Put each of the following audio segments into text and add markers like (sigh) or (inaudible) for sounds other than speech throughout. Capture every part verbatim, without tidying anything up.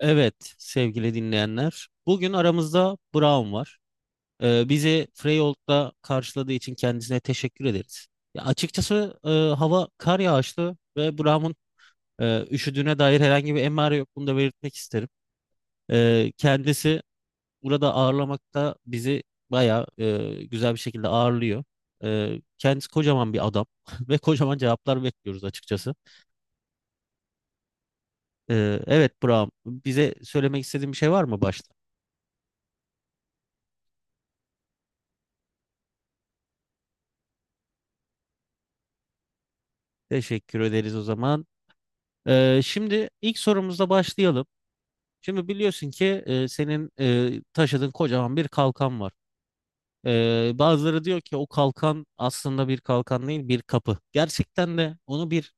Evet sevgili dinleyenler. Bugün aramızda Brown var. Ee, bizi Freyold'da karşıladığı için kendisine teşekkür ederiz. Ya açıkçası e, hava kar yağışlı ve Brown'un e, üşüdüğüne dair herhangi bir emare yok. Bunu da belirtmek isterim. Ee, kendisi burada ağırlamakta bizi bayağı e, güzel bir şekilde ağırlıyor. Ee, kendisi kocaman bir adam (laughs) ve kocaman cevaplar bekliyoruz açıkçası. Ee, evet Brown, bize söylemek istediğin bir şey var mı başta? Teşekkür ederiz o zaman. Ee, şimdi ilk sorumuzla başlayalım. Şimdi biliyorsun ki e, senin e, taşıdığın kocaman bir kalkan var. Ee, bazıları diyor ki o kalkan aslında bir kalkan değil bir kapı. Gerçekten de onu bir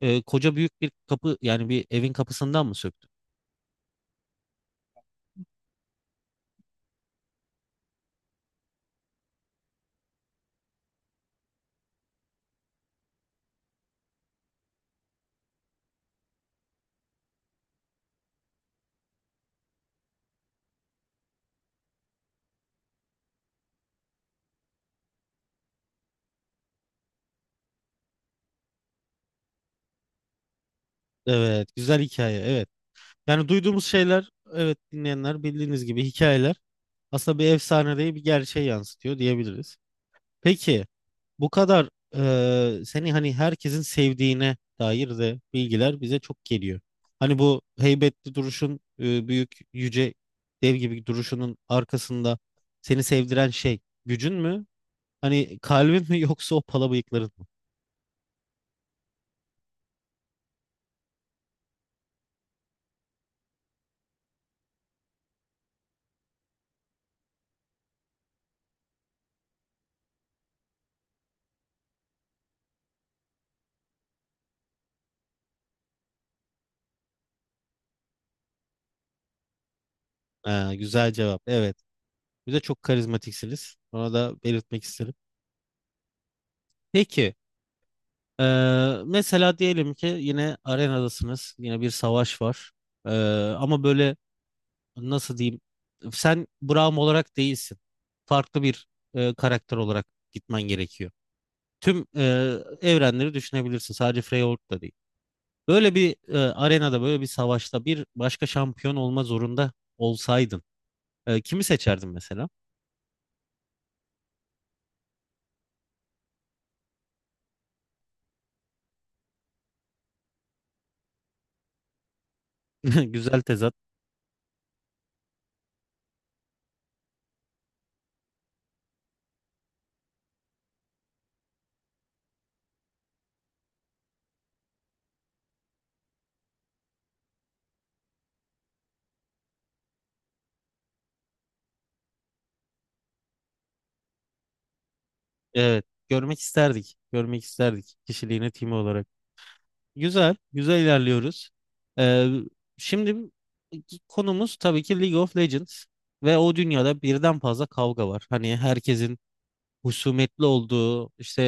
e, koca büyük bir kapı, yani bir evin kapısından mı söktün? Evet, güzel hikaye. Evet. Yani duyduğumuz şeyler, evet dinleyenler, bildiğiniz gibi hikayeler aslında bir efsane değil bir gerçeği yansıtıyor diyebiliriz. Peki bu kadar eee, seni hani herkesin sevdiğine dair de bilgiler bize çok geliyor. Hani bu heybetli duruşun, eee, büyük yüce dev gibi duruşunun arkasında seni sevdiren şey gücün mü? Hani kalbin mi (laughs) yoksa o pala bıyıkların mı? Ha, güzel cevap. Evet. Bize çok karizmatiksiniz. Ona da belirtmek isterim. Peki, e, mesela diyelim ki yine arenadasınız, yine bir savaş var. E, Ama böyle nasıl diyeyim, sen Braum olarak değilsin. Farklı bir e, karakter olarak gitmen gerekiyor. Tüm e, evrenleri düşünebilirsin, sadece Freyorg da değil. Böyle bir e, arenada, böyle bir savaşta bir başka şampiyon olma zorunda olsaydın, e, kimi seçerdin mesela? (laughs) Güzel tezat. Evet, görmek isterdik, görmek isterdik kişiliğini, timi olarak. Güzel, güzel ilerliyoruz. Ee, Şimdi konumuz tabii ki League of Legends ve o dünyada birden fazla kavga var. Hani herkesin husumetli olduğu, işte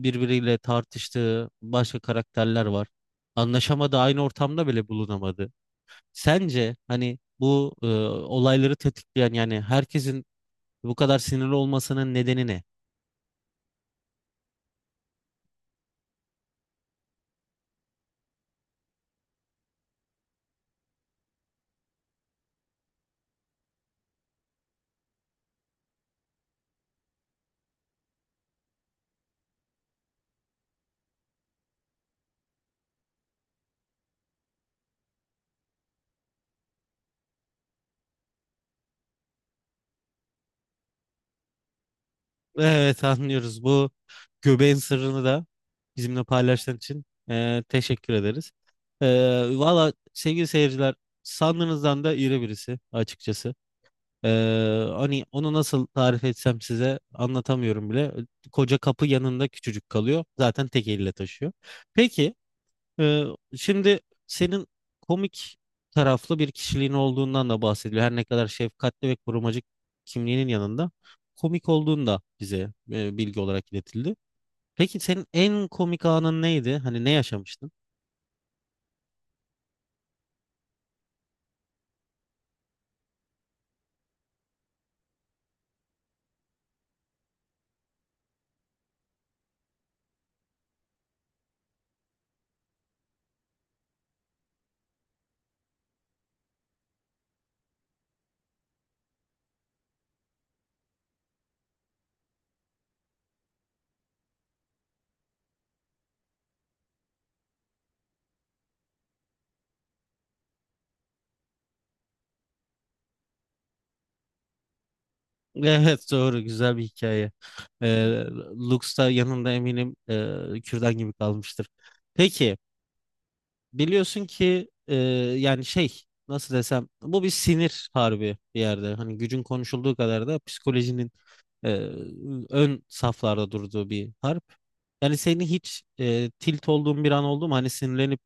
e, birbiriyle tartıştığı başka karakterler var. Anlaşamadığı, aynı ortamda bile bulunamadı. Sence hani bu e, olayları tetikleyen, yani herkesin bu kadar sinirli olmasının nedeni ne? Evet anlıyoruz. Bu göbeğin sırrını da bizimle paylaştığın için e, teşekkür ederiz. E, Valla sevgili seyirciler, sandığınızdan da iri birisi açıkçası. E, Hani onu nasıl tarif etsem size anlatamıyorum bile. Koca kapı yanında küçücük kalıyor. Zaten tek elle taşıyor. Peki e, şimdi senin komik taraflı bir kişiliğin olduğundan da bahsediliyor. Her ne kadar şefkatli ve korumacı kimliğinin yanında komik olduğunda bize e, bilgi olarak iletildi. Peki senin en komik anın neydi? Hani ne yaşamıştın? (laughs) Evet doğru, güzel bir hikaye. Ee, Lux da yanında eminim e, kürdan gibi kalmıştır. Peki biliyorsun ki e, yani şey, nasıl desem, bu bir sinir harbi bir yerde. Hani gücün konuşulduğu kadar da psikolojinin e, ön saflarda durduğu bir harp. Yani seni hiç e, tilt olduğun bir an oldu mu? Hani sinirlenip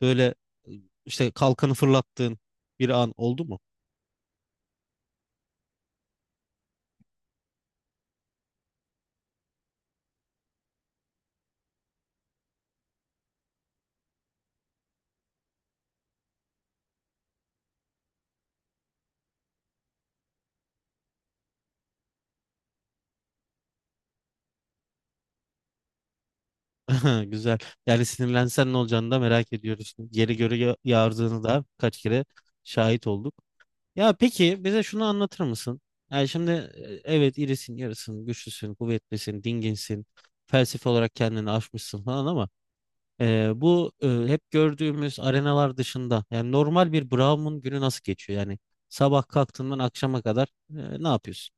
böyle e, işte kalkanı fırlattığın bir an oldu mu? (laughs) Ha, güzel. Yani sinirlensen ne olacağını da merak ediyoruz. Yeri göre ya- yağardığını da kaç kere şahit olduk. Ya peki bize şunu anlatır mısın? Yani şimdi e, evet irisin, yarısın, güçlüsün, kuvvetlisin, dinginsin. Felsefe olarak kendini aşmışsın falan ama e, bu e, hep gördüğümüz arenalar dışında yani normal bir Brahmin günü nasıl geçiyor? Yani sabah kalktığından akşama kadar e, ne yapıyorsun?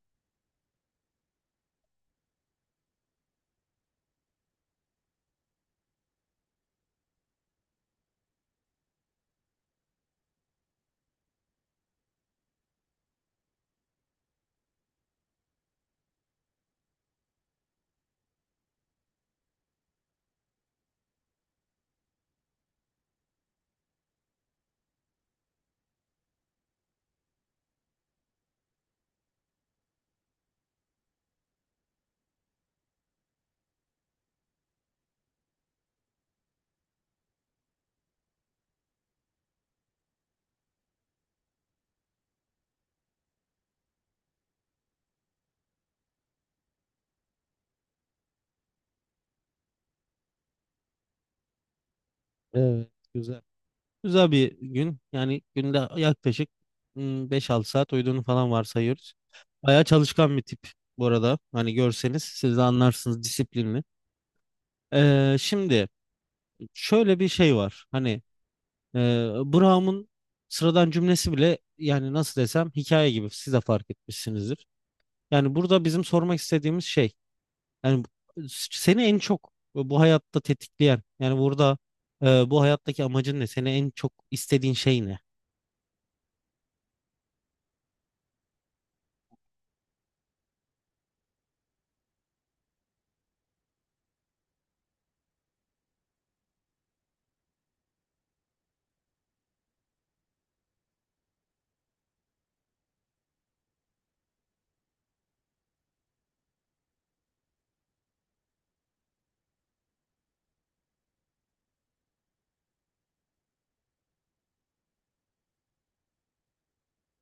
Evet, güzel. Güzel bir gün. Yani günde yaklaşık hmm, beş altı saat uyuduğunu falan varsayıyoruz. Bayağı çalışkan bir tip bu arada. Hani görseniz siz de anlarsınız, disiplinli. Ee, şimdi şöyle bir şey var. Hani e, Brown'un sıradan cümlesi bile yani nasıl desem hikaye gibi, siz de fark etmişsinizdir. Yani burada bizim sormak istediğimiz şey, yani seni en çok bu hayatta tetikleyen, yani burada e, bu hayattaki amacın ne? Seni en çok istediğin şey ne?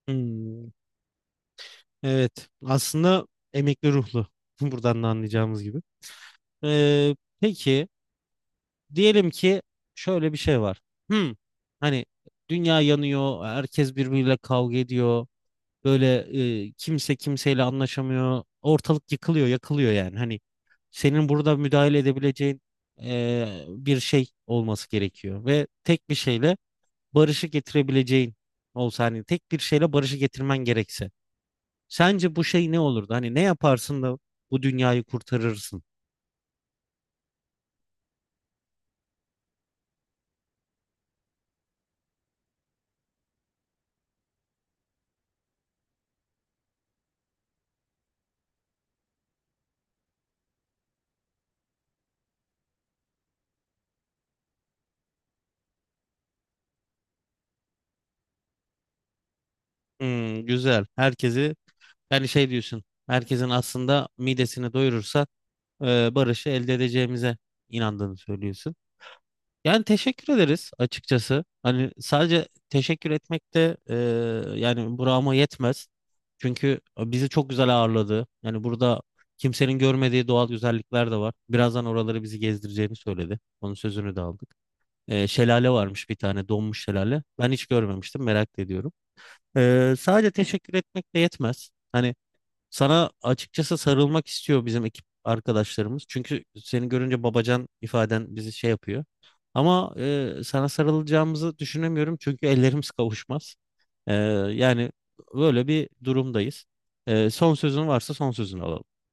Hmm, evet. Aslında emekli ruhlu. (laughs) Buradan da anlayacağımız gibi. Ee, peki diyelim ki şöyle bir şey var. Hmm, hani dünya yanıyor, herkes birbiriyle kavga ediyor. Böyle e, kimse kimseyle anlaşamıyor. Ortalık yıkılıyor, yakılıyor yani. Hani senin burada müdahale edebileceğin e, bir şey olması gerekiyor. Ve tek bir şeyle barışı getirebileceğin olsa, hani tek bir şeyle barışı getirmen gerekse. Sence bu şey ne olurdu? Hani ne yaparsın da bu dünyayı kurtarırsın? Hmm, güzel. Herkesi, yani şey diyorsun. Herkesin aslında midesini doyurursa e, barışı elde edeceğimize inandığını söylüyorsun. Yani teşekkür ederiz açıkçası. Hani sadece teşekkür etmek de e, yani burama yetmez. Çünkü bizi çok güzel ağırladı. Yani burada kimsenin görmediği doğal güzellikler de var. Birazdan oraları bizi gezdireceğini söyledi. Onun sözünü de aldık. E, şelale varmış, bir tane donmuş şelale. Ben hiç görmemiştim, merak da ediyorum. E, sadece teşekkür etmek de yetmez. Hani sana açıkçası sarılmak istiyor bizim ekip arkadaşlarımız. Çünkü seni görünce babacan ifaden bizi şey yapıyor. Ama e, sana sarılacağımızı düşünemiyorum çünkü ellerimiz kavuşmaz. E, Yani böyle bir durumdayız. E, son sözün varsa son sözünü alalım.